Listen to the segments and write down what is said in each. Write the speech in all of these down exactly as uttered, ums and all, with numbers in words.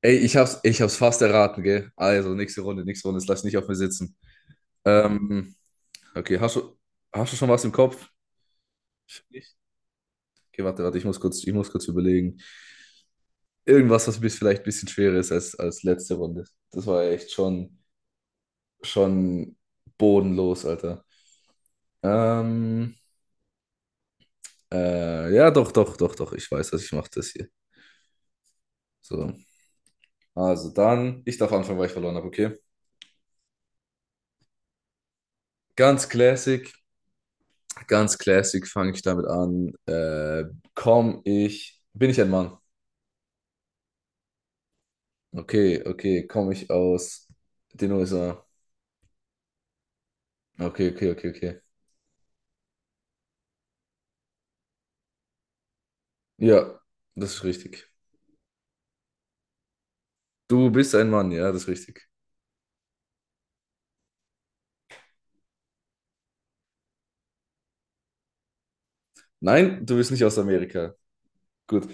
Ey, ich hab's, ich hab's fast erraten, gell? Also, nächste Runde, nächste Runde, das lass ich nicht auf mir sitzen. Ähm, okay, hast du, hast du schon was im Kopf? Nicht. Okay, warte, warte, ich muss kurz, ich muss kurz überlegen. Irgendwas, was bis vielleicht ein bisschen schwerer ist als, als letzte Runde. Das war ja echt schon, schon bodenlos, Alter. Ähm, äh, ja, doch, doch, doch, doch, ich weiß, dass ich mache. Das hier. So, also dann, ich darf anfangen, weil ich verloren habe, okay? Ganz classic. Ganz classic fange ich damit an. Äh, komm ich. Bin ich ein Mann? Okay, okay. Komme ich aus den U S A? Okay, okay, okay, okay. Ja, das ist richtig. Du bist ein Mann, ja, das ist richtig. Nein, du bist nicht aus Amerika. Gut.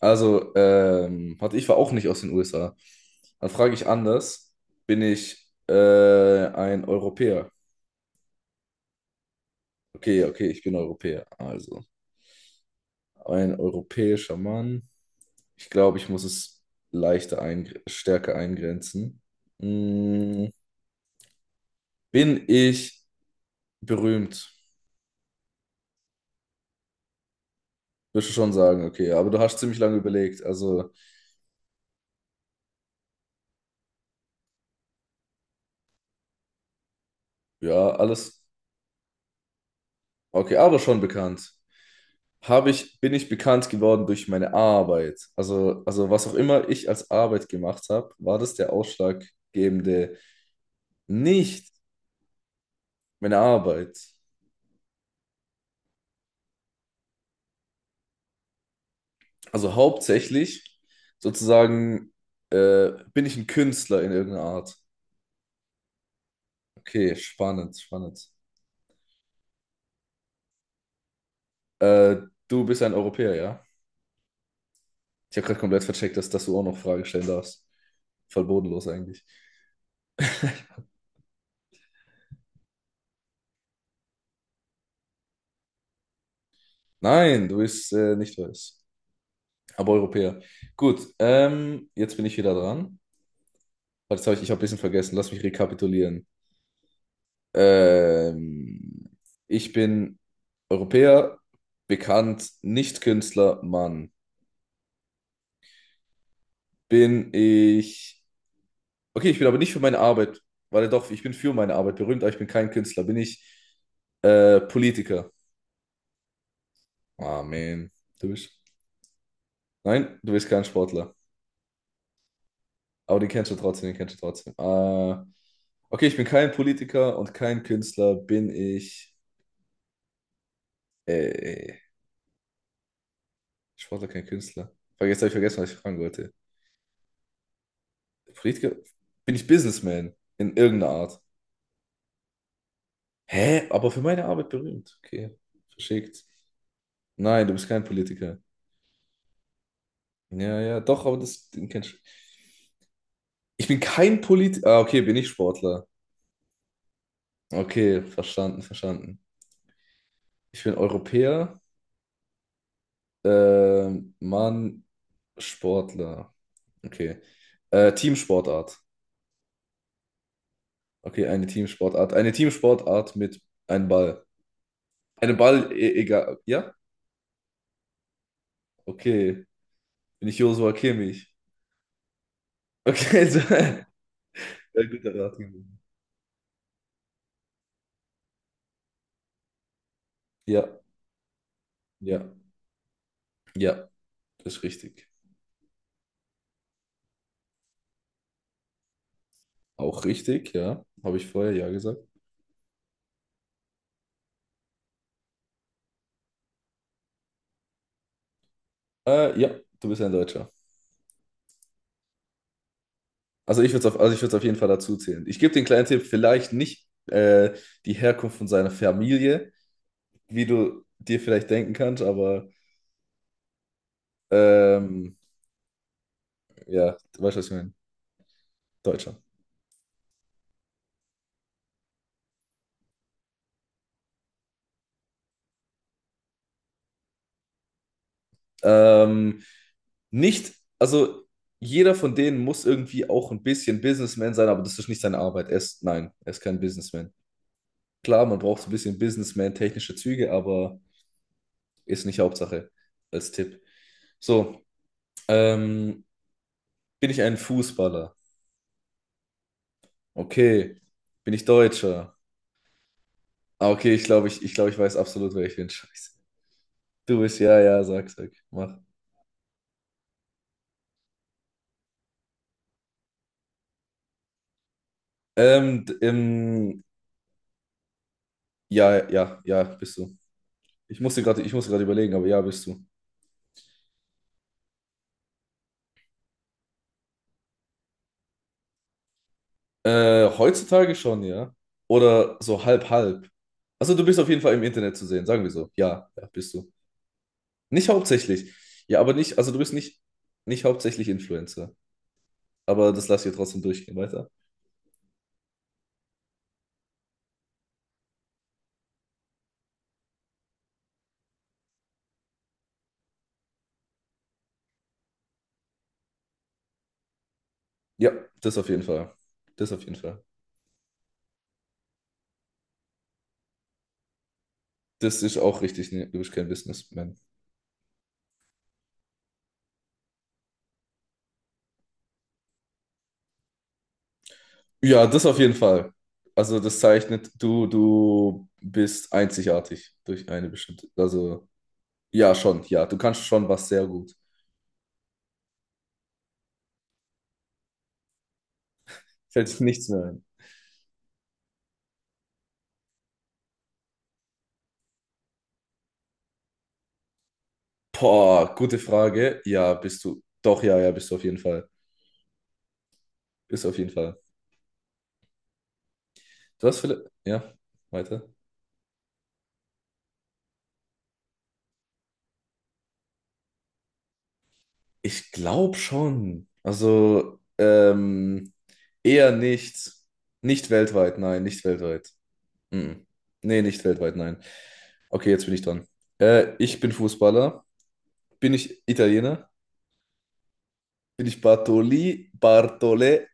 Also, ähm, warte, ich war auch nicht aus den U S A. Dann frage ich anders. Bin ich äh, ein Europäer? Okay, okay, ich bin Europäer. Also. Ein europäischer Mann. Ich glaube, ich muss es leichter ein, stärker eingrenzen. Mm, bin ich berühmt? Würdest du schon sagen, okay, aber du hast ziemlich lange überlegt. Also, ja, alles okay, aber schon bekannt. Habe ich, bin ich bekannt geworden durch meine Arbeit? Also, also was auch immer ich als Arbeit gemacht habe, war das der ausschlaggebende, nicht meine Arbeit. Also hauptsächlich sozusagen äh, bin ich ein Künstler in irgendeiner Art. Okay, spannend, spannend. Äh, du bist ein Europäer, ja? Ich habe gerade komplett vercheckt, dass, dass du auch noch Fragen stellen darfst. Voll bodenlos eigentlich. Nein, du bist äh, nicht weiß, aber Europäer. Gut, ähm, jetzt bin ich wieder dran. Warte, jetzt hab ich, ich habe ein bisschen vergessen. Lass mich rekapitulieren. Ähm, ich bin Europäer, bekannt, nicht Künstler, Mann. Bin ich okay, ich bin aber nicht für meine Arbeit, weil doch, ich bin für meine Arbeit berühmt, aber ich bin kein Künstler, bin ich äh, Politiker. Ah, man. Du bist. Nein, du bist kein Sportler. Aber den kennst du trotzdem, den kennst du trotzdem. Äh, okay, ich bin kein Politiker und kein Künstler, bin ich. Äh, äh, Sportler, kein Künstler. Vergesst, habe ich vergessen, was ich fragen wollte. Politiker? Bin ich Businessman in irgendeiner Art? Hä? Aber für meine Arbeit berühmt. Okay, verschickt. Nein, du bist kein Politiker. Ja, ja, doch, aber das den kenn ich. Ich bin kein Polit. Ah, okay, bin ich Sportler. Okay, verstanden, verstanden. Ich bin Europäer. Ähm, Mann, Sportler. Okay. Äh, Teamsportart. Okay, eine Teamsportart. Eine Teamsportart mit einem Ball. Eine Ball, e egal. Ja? Okay. Bin ich Joshua Kimmich? Okay, so. Ja, guter Rat gewesen. Ja, ja, ja, das ist richtig. Auch richtig, ja. Habe ich vorher ja gesagt. Äh, ja, du bist ja ein Deutscher. Also ich würde es auf, also ich würde es auf jeden Fall dazu zählen. Ich gebe den kleinen Tipp, vielleicht nicht äh, die Herkunft von seiner Familie, wie du dir vielleicht denken kannst, aber ähm, ja, du weißt, was ich meine. Deutscher. Ähm, nicht, also jeder von denen muss irgendwie auch ein bisschen Businessman sein, aber das ist nicht seine Arbeit. Er ist, nein, er ist kein Businessman. Klar, man braucht so ein bisschen Businessman-technische Züge, aber ist nicht Hauptsache als Tipp. So, ähm, bin ich ein Fußballer? Okay. Bin ich Deutscher? Ah, okay, ich glaube, ich, ich, glaube, ich weiß absolut, wer ich bin. Scheiße. Du bist, ja, ja, sag, sag, mach. Ähm, d- ähm, ja, ja, ja, bist du. Ich musste gerade, ich musste gerade überlegen, aber ja, bist du. Äh, heutzutage schon, ja. Oder so halb, halb. Also du bist auf jeden Fall im Internet zu sehen, sagen wir so. Ja, ja, bist du. Nicht hauptsächlich. Ja, aber nicht, also du bist nicht, nicht hauptsächlich Influencer. Aber das lass ich ja trotzdem durchgehen, weiter. Ja, das auf jeden Fall. Das auf jeden Fall. Das ist auch richtig. Nee, du bist kein Businessman. Ja, das auf jeden Fall. Also das zeichnet, du, du bist einzigartig durch eine bestimmte. Also, ja, schon, ja. Du kannst schon was sehr gut. Fällt sich nichts mehr ein. Boah, gute Frage. Ja, bist du. Doch, ja, ja, bist du auf jeden Fall. Bist du auf jeden Fall. Du hast vielleicht. Ja, weiter. Ich glaube schon. Also, ähm, eher nicht. Nicht weltweit, nein, nicht weltweit. Mm. Nee, nicht weltweit, nein. Okay, jetzt bin ich dran. Äh, ich bin Fußballer. Bin ich Italiener? Bin ich Bartoli, Bartole,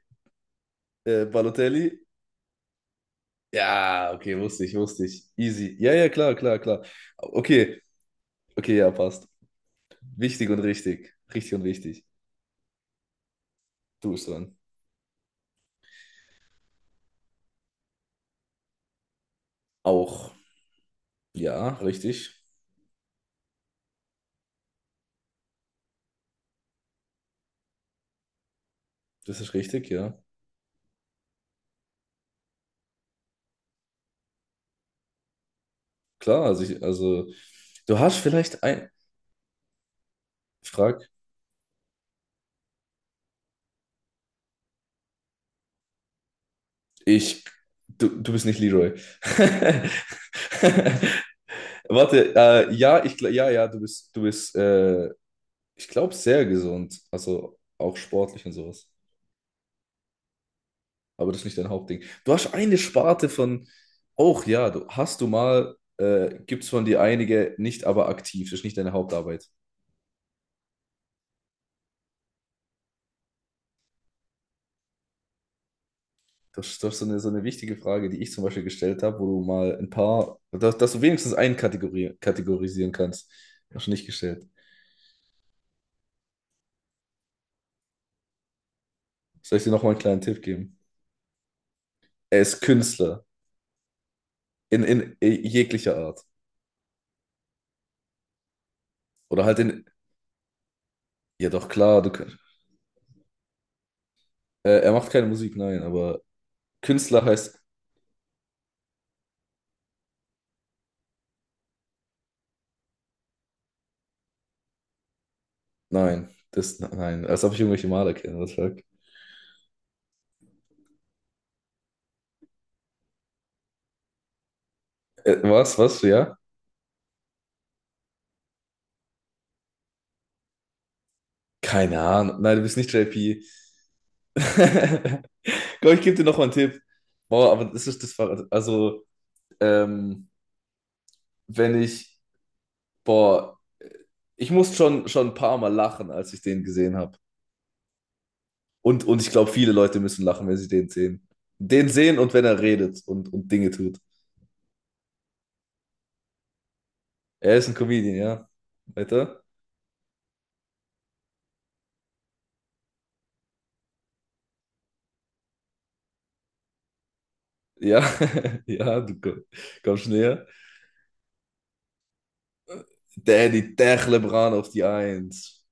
äh, Balotelli? Ja, okay, wusste ich, wusste ich. Easy. Ja, ja, klar, klar, klar. Okay, okay, ja, passt. Wichtig und richtig. Richtig und wichtig. Du bist dran. Auch. Ja, richtig. Das ist richtig, ja. Klar, also, ich, also du hast vielleicht ein... Frag. Ich... Du, du bist nicht Leroy. Warte, äh, ja, ich, gl- ja, ja, du bist, du bist, äh, ich glaube, sehr gesund. Also auch sportlich und sowas. Aber das ist nicht dein Hauptding. Du hast eine Sparte von, auch ja, du hast du mal, äh, gibt es von dir einige, nicht aber aktiv. Das ist nicht deine Hauptarbeit. Das ist, das ist so eine, so eine wichtige Frage, die ich zum Beispiel gestellt habe, wo du mal ein paar, dass, dass du wenigstens einen Kategori kategorisieren kannst. Hast du nicht gestellt. Soll ich dir nochmal einen kleinen Tipp geben? Er ist Künstler. In, in jeglicher Art. Oder halt in ja, doch klar, du, könnt- äh, er macht keine Musik, nein, aber Künstler heißt nein. Das, nein, als ob ich irgendwelche Maler kenne, was sag. Äh, was, was, ja? Keine Ahnung. Nein, du bist nicht J P. Komm, ich gebe dir noch mal einen Tipp. Boah, aber das ist das war also ähm, wenn ich boah, ich muss schon schon ein paar Mal lachen, als ich den gesehen habe. Und und ich glaube, viele Leute müssen lachen, wenn sie den sehen. Den sehen und wenn er redet und und Dinge tut. Er ist ein Comedian, ja. Weiter? Ja, ja, du komm- kommst näher. Der die Techlebrand auf die Eins.